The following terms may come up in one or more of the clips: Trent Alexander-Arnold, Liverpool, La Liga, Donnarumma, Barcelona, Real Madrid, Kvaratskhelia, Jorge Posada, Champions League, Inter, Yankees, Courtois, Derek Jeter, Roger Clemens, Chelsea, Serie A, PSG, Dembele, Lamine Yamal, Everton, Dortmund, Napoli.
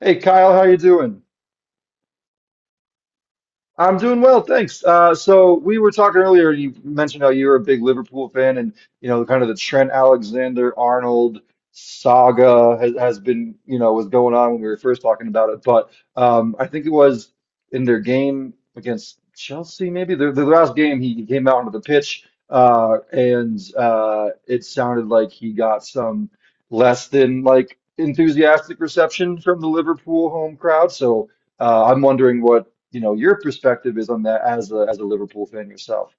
Hey Kyle, how you doing? I'm doing well, thanks. So we were talking earlier. You mentioned how you're a big Liverpool fan, and kind of the Trent Alexander-Arnold saga has been, was going on when we were first talking about it. But I think it was in their game against Chelsea, maybe their last game. He came out onto the pitch, and it sounded like he got some less than like enthusiastic reception from the Liverpool home crowd. So. I'm wondering what, your perspective is on that as a Liverpool fan yourself.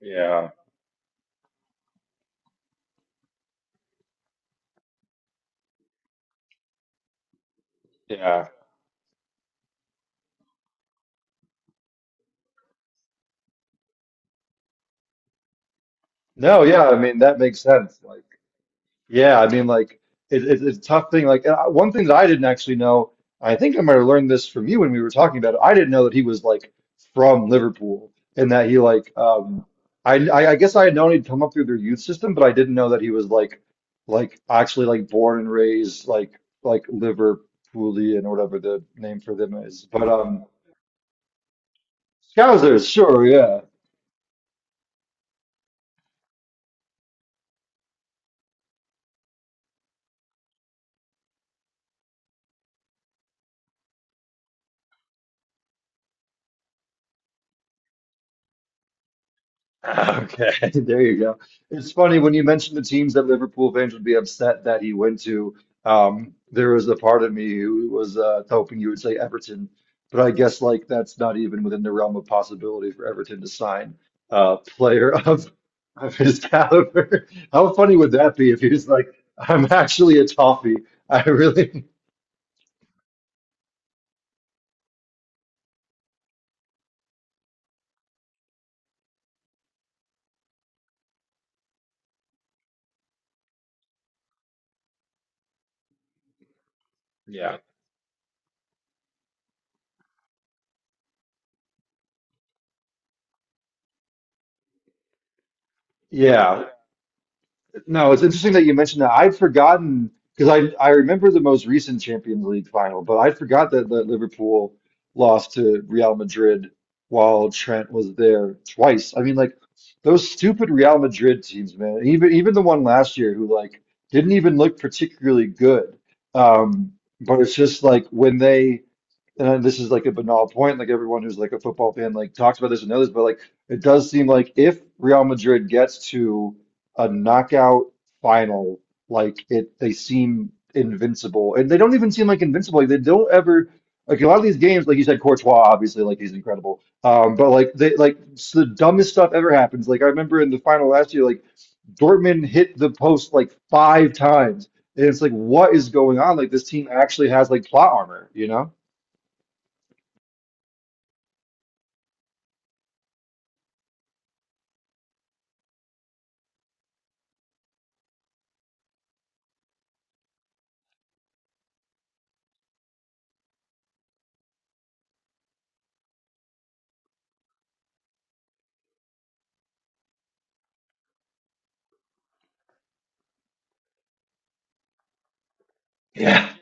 Yeah, yeah. No, yeah, I mean that makes sense. Like, yeah, I mean, like it's a tough thing. Like, one thing that I didn't actually know, I think I might have learned this from you when we were talking about it. I didn't know that he was like from Liverpool and that he like, I guess I had known he'd come up through their youth system, but I didn't know that he was like actually like born and raised like Liverpoolian or whatever the name for them is. But. Scousers, sure, yeah. Okay. There you go. It's funny when you mentioned the teams that Liverpool fans would be upset that he went to. There was a part of me who was hoping you would say Everton, but I guess like that's not even within the realm of possibility for Everton to sign a player of his caliber. How funny would that be if he was like, "I'm actually a toffee. I really, Yeah. yeah." No, it's interesting that you mentioned that. I'd forgotten because I remember the most recent Champions League final, but I forgot that Liverpool lost to Real Madrid while Trent was there twice. I mean, like those stupid Real Madrid teams, man. Even even the one last year who like didn't even look particularly good. Um, but it's just like when they this is like a banal point, like everyone who's like a football fan like talks about this and knows, but like it does seem like if Real Madrid gets to a knockout final, like it they seem invincible. And they don't even seem like invincible. Like they don't ever like a lot of these games, like you said, Courtois, obviously, like he's incredible. But like they like the dumbest stuff ever happens. Like I remember in the final last year, like Dortmund hit the post like five times. And it's like, what is going on? Like this team actually has like plot armor, you know? Yeah,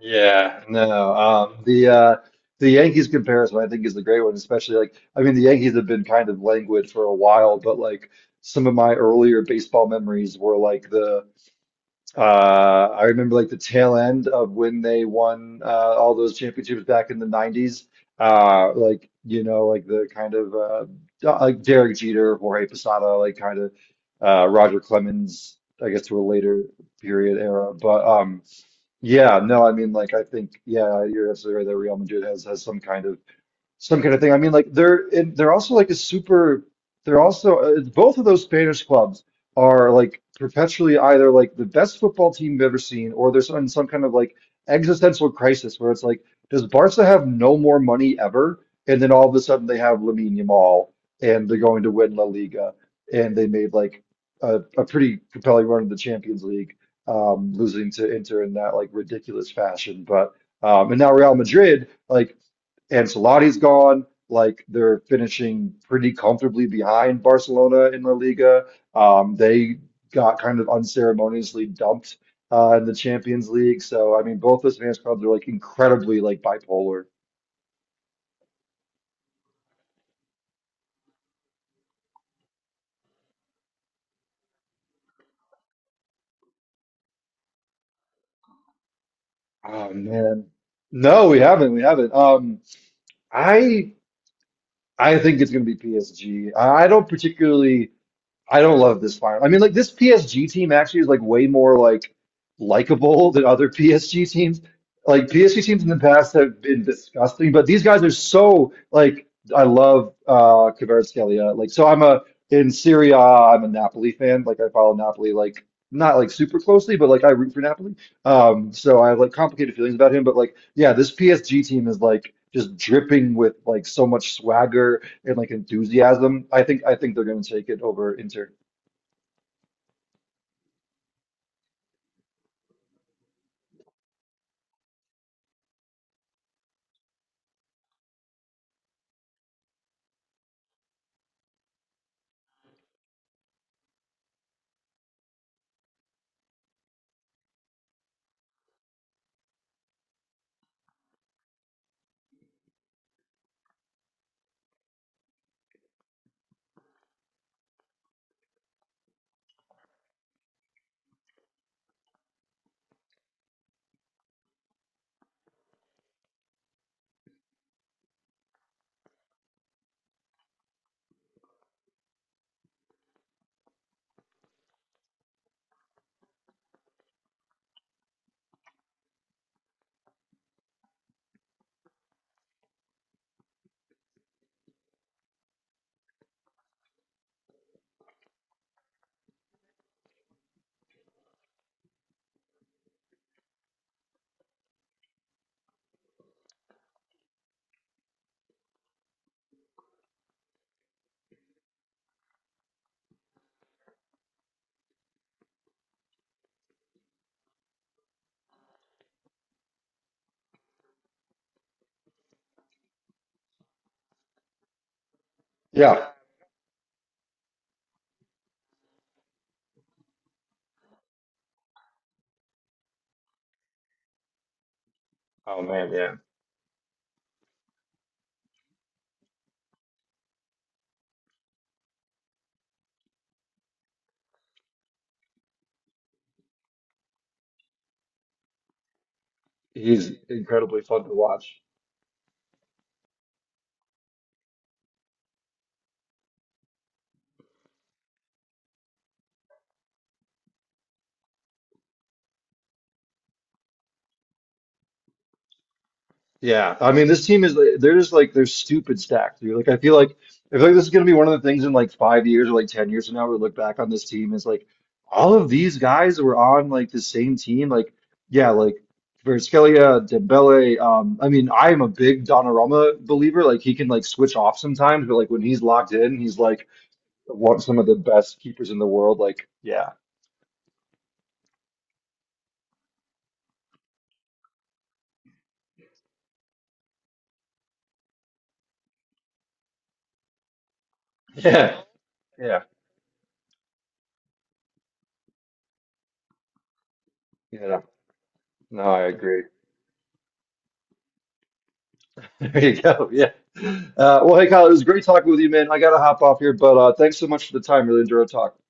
yeah, no. The Yankees comparison, I think, is the great one, especially like I mean, the Yankees have been kind of languid for a while, but like some of my earlier baseball memories were like the I remember like the tail end of when they won all those championships back in the '90s, like like the kind of like Derek Jeter, Jorge Posada, like kind of Roger Clemens, I guess, to a later period era, but. Yeah, no, I mean, like, I think, yeah, you're absolutely right that Real Madrid has some kind of thing. I mean, like they're and they're also like a super. They're also both of those Spanish clubs are like perpetually either like the best football team you've ever seen, or there's in some kind of like existential crisis where it's like, does Barca have no more money ever? And then all of a sudden they have Lamine Yamal, and they're going to win La Liga, and they made like a pretty compelling run in the Champions League, losing to Inter in that like ridiculous fashion. But and now Real Madrid like Ancelotti's gone. Like they're finishing pretty comfortably behind Barcelona in La Liga. They got kind of unceremoniously dumped in the Champions League. So I mean, both those fans clubs are like incredibly like bipolar. Oh man, no, we haven't. I I think it's going to be PSG. I don't particularly. I don't love this fire. I mean, like this PSG team actually is like way more like likable than other PSG teams. Like PSG teams in the past have been disgusting, but these guys are so like I love Kvaratskhelia. Like so I'm a in Serie A. am a Napoli fan. Like I follow Napoli like not like super closely, but like I root for Napoli. So I have like complicated feelings about him, but like yeah, this PSG team is like just dripping with like so much swagger and like enthusiasm. I think they're going to take it over Inter. Yeah. Oh man, yeah. He's incredibly fun to watch. Yeah. I mean, this team is like- they're just like they're stupid stacked, dude. Like I feel like I feel like this is going to be one of the things in like 5 years or like 10 years from now we look back on this team is like all of these guys were on like the same team. Like yeah, like Kvaratskhelia, Dembele. I mean, I am a big Donnarumma believer. Like he can like switch off sometimes, but like when he's locked in, he's like one some of the best keepers in the world. Like, yeah, yeah, yeah, yeah. No, I agree. There you go. Yeah. Well, hey, Kyle, it was great talking with you, man. I gotta hop off here, but thanks so much for the time. Really enjoyed talking.